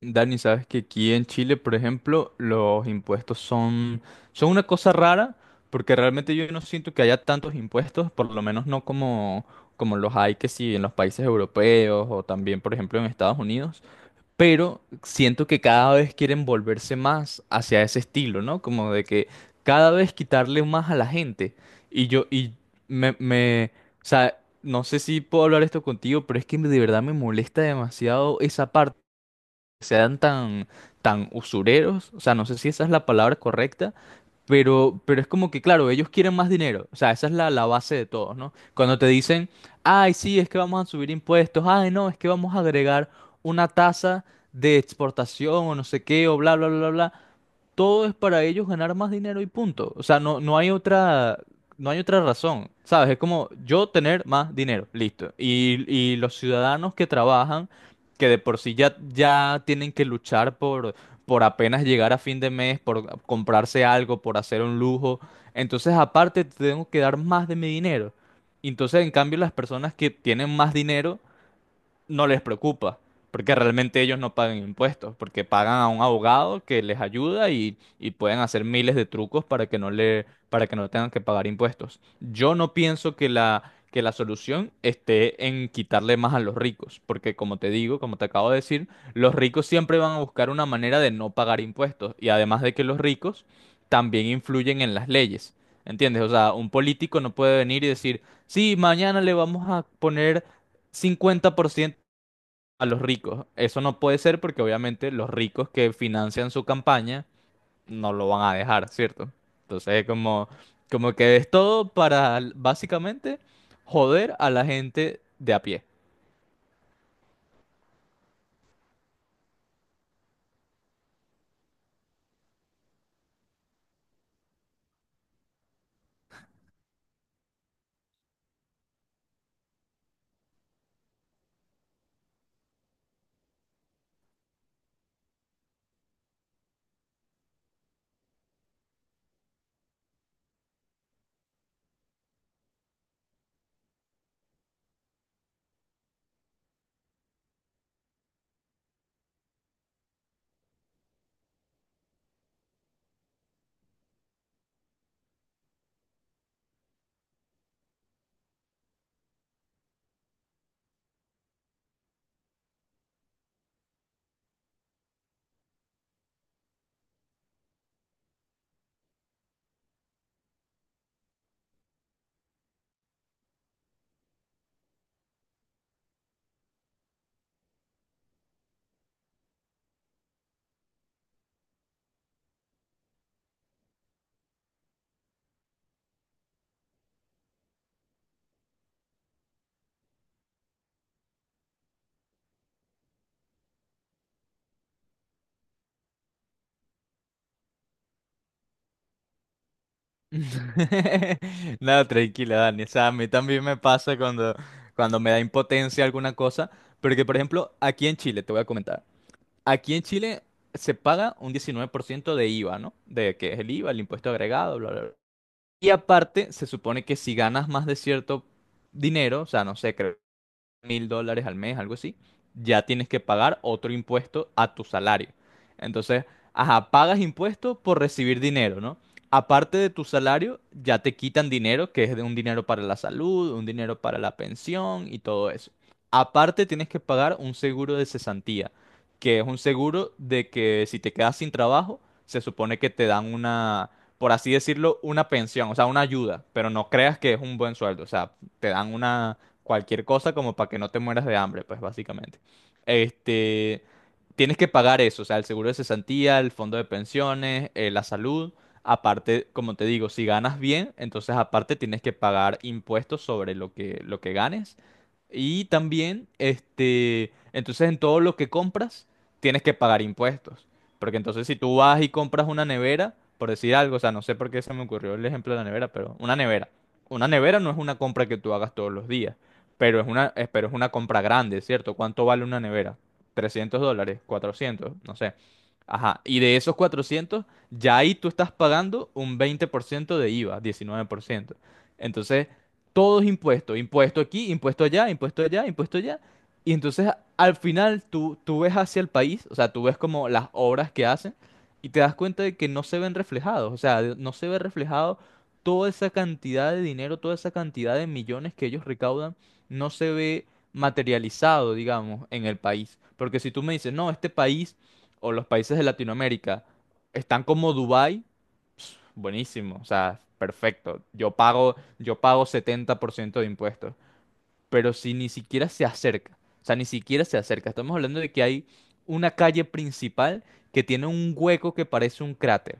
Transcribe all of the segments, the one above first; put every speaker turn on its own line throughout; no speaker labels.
Dani, sabes que aquí en Chile, por ejemplo, los impuestos son una cosa rara, porque realmente yo no siento que haya tantos impuestos, por lo menos no como los hay que sí en los países europeos o también, por ejemplo, en Estados Unidos, pero siento que cada vez quieren volverse más hacia ese estilo, ¿no? Como de que cada vez quitarle más a la gente. Y yo, y me, O sea, no sé si puedo hablar esto contigo, pero es que de verdad me molesta demasiado esa parte sean tan usureros, o sea, no sé si esa es la palabra correcta, pero es como que, claro, ellos quieren más dinero, o sea, esa es la base de todos, ¿no? Cuando te dicen, ay, sí, es que vamos a subir impuestos, ay, no, es que vamos a agregar una tasa de exportación o no sé qué, o bla, bla, bla, bla, todo es para ellos ganar más dinero y punto. O sea, no hay otra razón, ¿sabes? Es como yo tener más dinero, listo. Y los ciudadanos que trabajan, que de por sí ya tienen que luchar por apenas llegar a fin de mes, por comprarse algo, por hacer un lujo, entonces aparte te tengo que dar más de mi dinero. Entonces, en cambio, las personas que tienen más dinero no les preocupa, porque realmente ellos no pagan impuestos, porque pagan a un abogado que les ayuda y pueden hacer miles de trucos para que no tengan que pagar impuestos. Yo no pienso que que la solución esté en quitarle más a los ricos, porque como te digo, como te acabo de decir, los ricos siempre van a buscar una manera de no pagar impuestos, y además de que los ricos también influyen en las leyes. ¿Entiendes? O sea, un político no puede venir y decir, sí, mañana le vamos a poner 50% a los ricos. Eso no puede ser porque obviamente los ricos que financian su campaña no lo van a dejar, ¿cierto? Entonces es como, como que es todo para básicamente joder a la gente de a pie. No, tranquila, Dani. O sea, a mí también me pasa cuando, cuando me da impotencia alguna cosa. Porque, por ejemplo, aquí en Chile, te voy a comentar. Aquí en Chile se paga un 19% de IVA, ¿no? De que es el IVA, el impuesto agregado, bla, bla, bla. Y aparte, se supone que si ganas más de cierto dinero, o sea, no sé, creo 1000 dólares al mes, algo así, ya tienes que pagar otro impuesto a tu salario. Entonces, ajá, pagas impuestos por recibir dinero, ¿no? Aparte de tu salario, ya te quitan dinero, que es de un dinero para la salud, un dinero para la pensión y todo eso. Aparte, tienes que pagar un seguro de cesantía, que es un seguro de que si te quedas sin trabajo, se supone que te dan una, por así decirlo, una pensión, o sea, una ayuda, pero no creas que es un buen sueldo, o sea, te dan una cualquier cosa como para que no te mueras de hambre, pues básicamente. Este, Tienes que pagar eso, o sea, el seguro de cesantía, el fondo de pensiones, la salud. Aparte, como te digo, si ganas bien, entonces aparte tienes que pagar impuestos sobre lo que ganes. Y también, entonces en todo lo que compras, tienes que pagar impuestos. Porque entonces si tú vas y compras una nevera, por decir algo, o sea, no sé por qué se me ocurrió el ejemplo de la nevera, pero una nevera. Una nevera no es una compra que tú hagas todos los días. Pero pero es una compra grande, ¿cierto? ¿Cuánto vale una nevera? ¿300 dólares? ¿400? No sé. Ajá. Y de esos 400 ya ahí tú estás pagando un 20% de IVA, 19%. Entonces, todo es impuesto. Impuesto aquí, impuesto allá, impuesto allá, impuesto allá. Y entonces, al final, tú ves hacia el país, o sea, tú ves como las obras que hacen y te das cuenta de que no se ven reflejados. O sea, no se ve reflejado toda esa cantidad de dinero, toda esa cantidad de millones que ellos recaudan no se ve materializado, digamos, en el país. Porque si tú me dices, no, este país o los países de Latinoamérica están como Dubái, buenísimo, o sea, perfecto. Yo pago 70% de impuestos. Pero si ni siquiera se acerca, o sea, ni siquiera se acerca. Estamos hablando de que hay una calle principal que tiene un hueco que parece un cráter.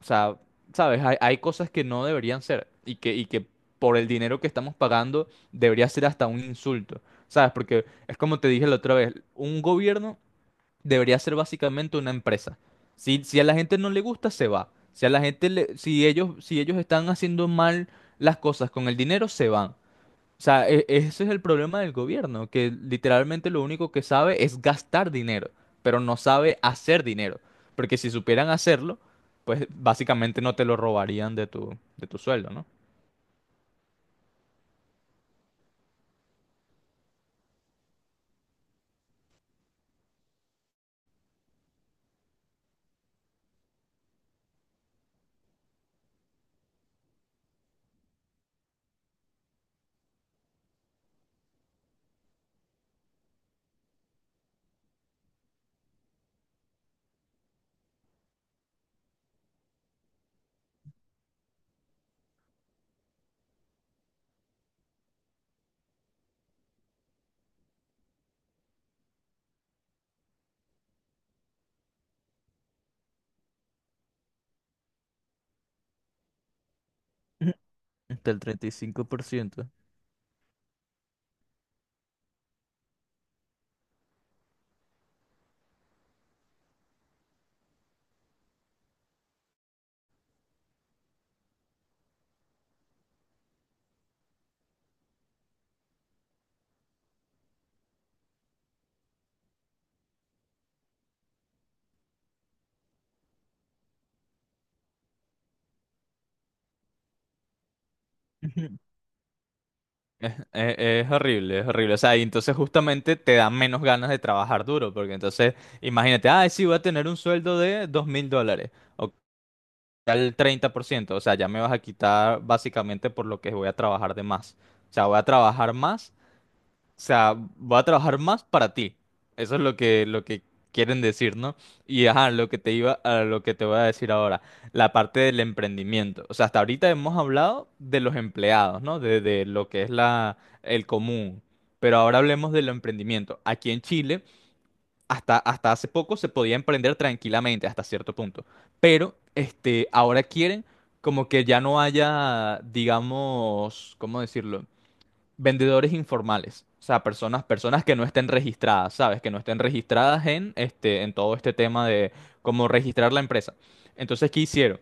O sea, ¿sabes? Hay cosas que no deberían ser y que por el dinero que estamos pagando debería ser hasta un insulto, ¿sabes? Porque es como te dije la otra vez, un gobierno debería ser básicamente una empresa. Si a la gente no le gusta, se va. Si a la gente le- si ellos, si ellos están haciendo mal las cosas con el dinero, se van. O sea, ese es el problema del gobierno, que literalmente lo único que sabe es gastar dinero, pero no sabe hacer dinero. Porque si supieran hacerlo, pues básicamente no te lo robarían de tu sueldo, ¿no? Del 35%. Ujú. Es horrible, es horrible. O sea, y entonces justamente te dan menos ganas de trabajar duro, porque entonces, imagínate, ah, sí, voy a tener un sueldo de 2000 dólares. Ok, ya el 30%, o sea, ya me vas a quitar básicamente por lo que voy a trabajar de más. O sea, voy a trabajar más, o sea, voy a trabajar más para ti. Eso es lo que quieren decir, ¿no? Y ajá, lo que te iba, a lo que te voy a decir ahora, la parte del emprendimiento. O sea, hasta ahorita hemos hablado de los empleados, ¿no? De lo que es el común. Pero ahora hablemos del emprendimiento. Aquí en Chile hasta hace poco se podía emprender tranquilamente hasta cierto punto. Pero ahora quieren como que ya no haya, digamos, ¿cómo decirlo? Vendedores informales, o sea, personas que no estén registradas, ¿sabes? Que no estén registradas en todo este tema de cómo registrar la empresa. Entonces, ¿qué hicieron?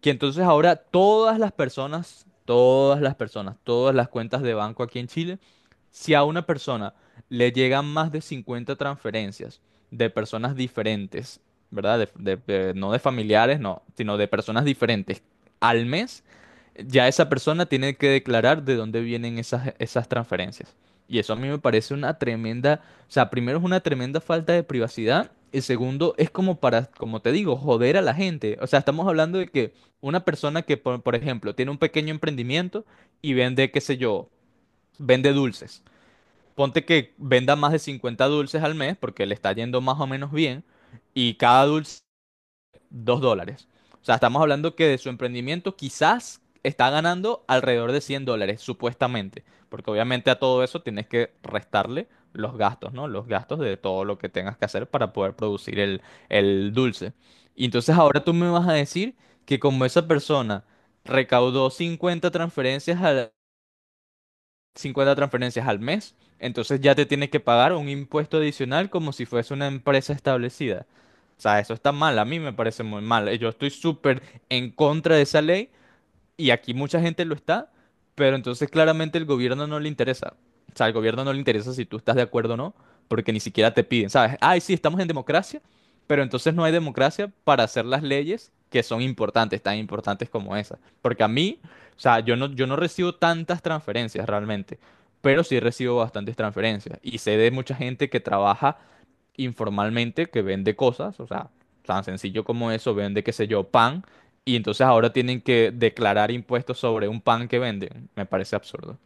Que entonces ahora todas las cuentas de banco aquí en Chile, si a una persona le llegan más de 50 transferencias de personas diferentes, ¿verdad? No de familiares, no, sino de personas diferentes al mes, ya esa persona tiene que declarar de dónde vienen esas transferencias. Y eso a mí me parece una tremenda, o sea, primero es una tremenda falta de privacidad y segundo es como para, como te digo, joder a la gente. O sea, estamos hablando de que una persona que, por ejemplo, tiene un pequeño emprendimiento y vende, qué sé yo, vende dulces. Ponte que venda más de 50 dulces al mes porque le está yendo más o menos bien y cada dulce 2 dólares. O sea, estamos hablando que de su emprendimiento quizás está ganando alrededor de 100 dólares, supuestamente. Porque obviamente a todo eso tienes que restarle los gastos, ¿no? Los gastos de todo lo que tengas que hacer para poder producir el dulce. Y entonces ahora tú me vas a decir que como esa persona recaudó 50 transferencias al mes, entonces ya te tienes que pagar un impuesto adicional como si fuese una empresa establecida. O sea, eso está mal, a mí me parece muy mal. Yo estoy súper en contra de esa ley y aquí mucha gente lo está, pero entonces claramente el gobierno no le interesa. O sea, al gobierno no le interesa si tú estás de acuerdo o no, porque ni siquiera te piden, ¿sabes? Ay, sí, estamos en democracia, pero entonces no hay democracia para hacer las leyes que son importantes, tan importantes como esas. Porque a mí, o sea, yo no recibo tantas transferencias realmente, pero sí recibo bastantes transferencias. Y sé de mucha gente que trabaja informalmente que vende cosas, o sea, tan sencillo como eso, vende, qué sé yo, pan, y entonces ahora tienen que declarar impuestos sobre un pan que venden. Me parece absurdo.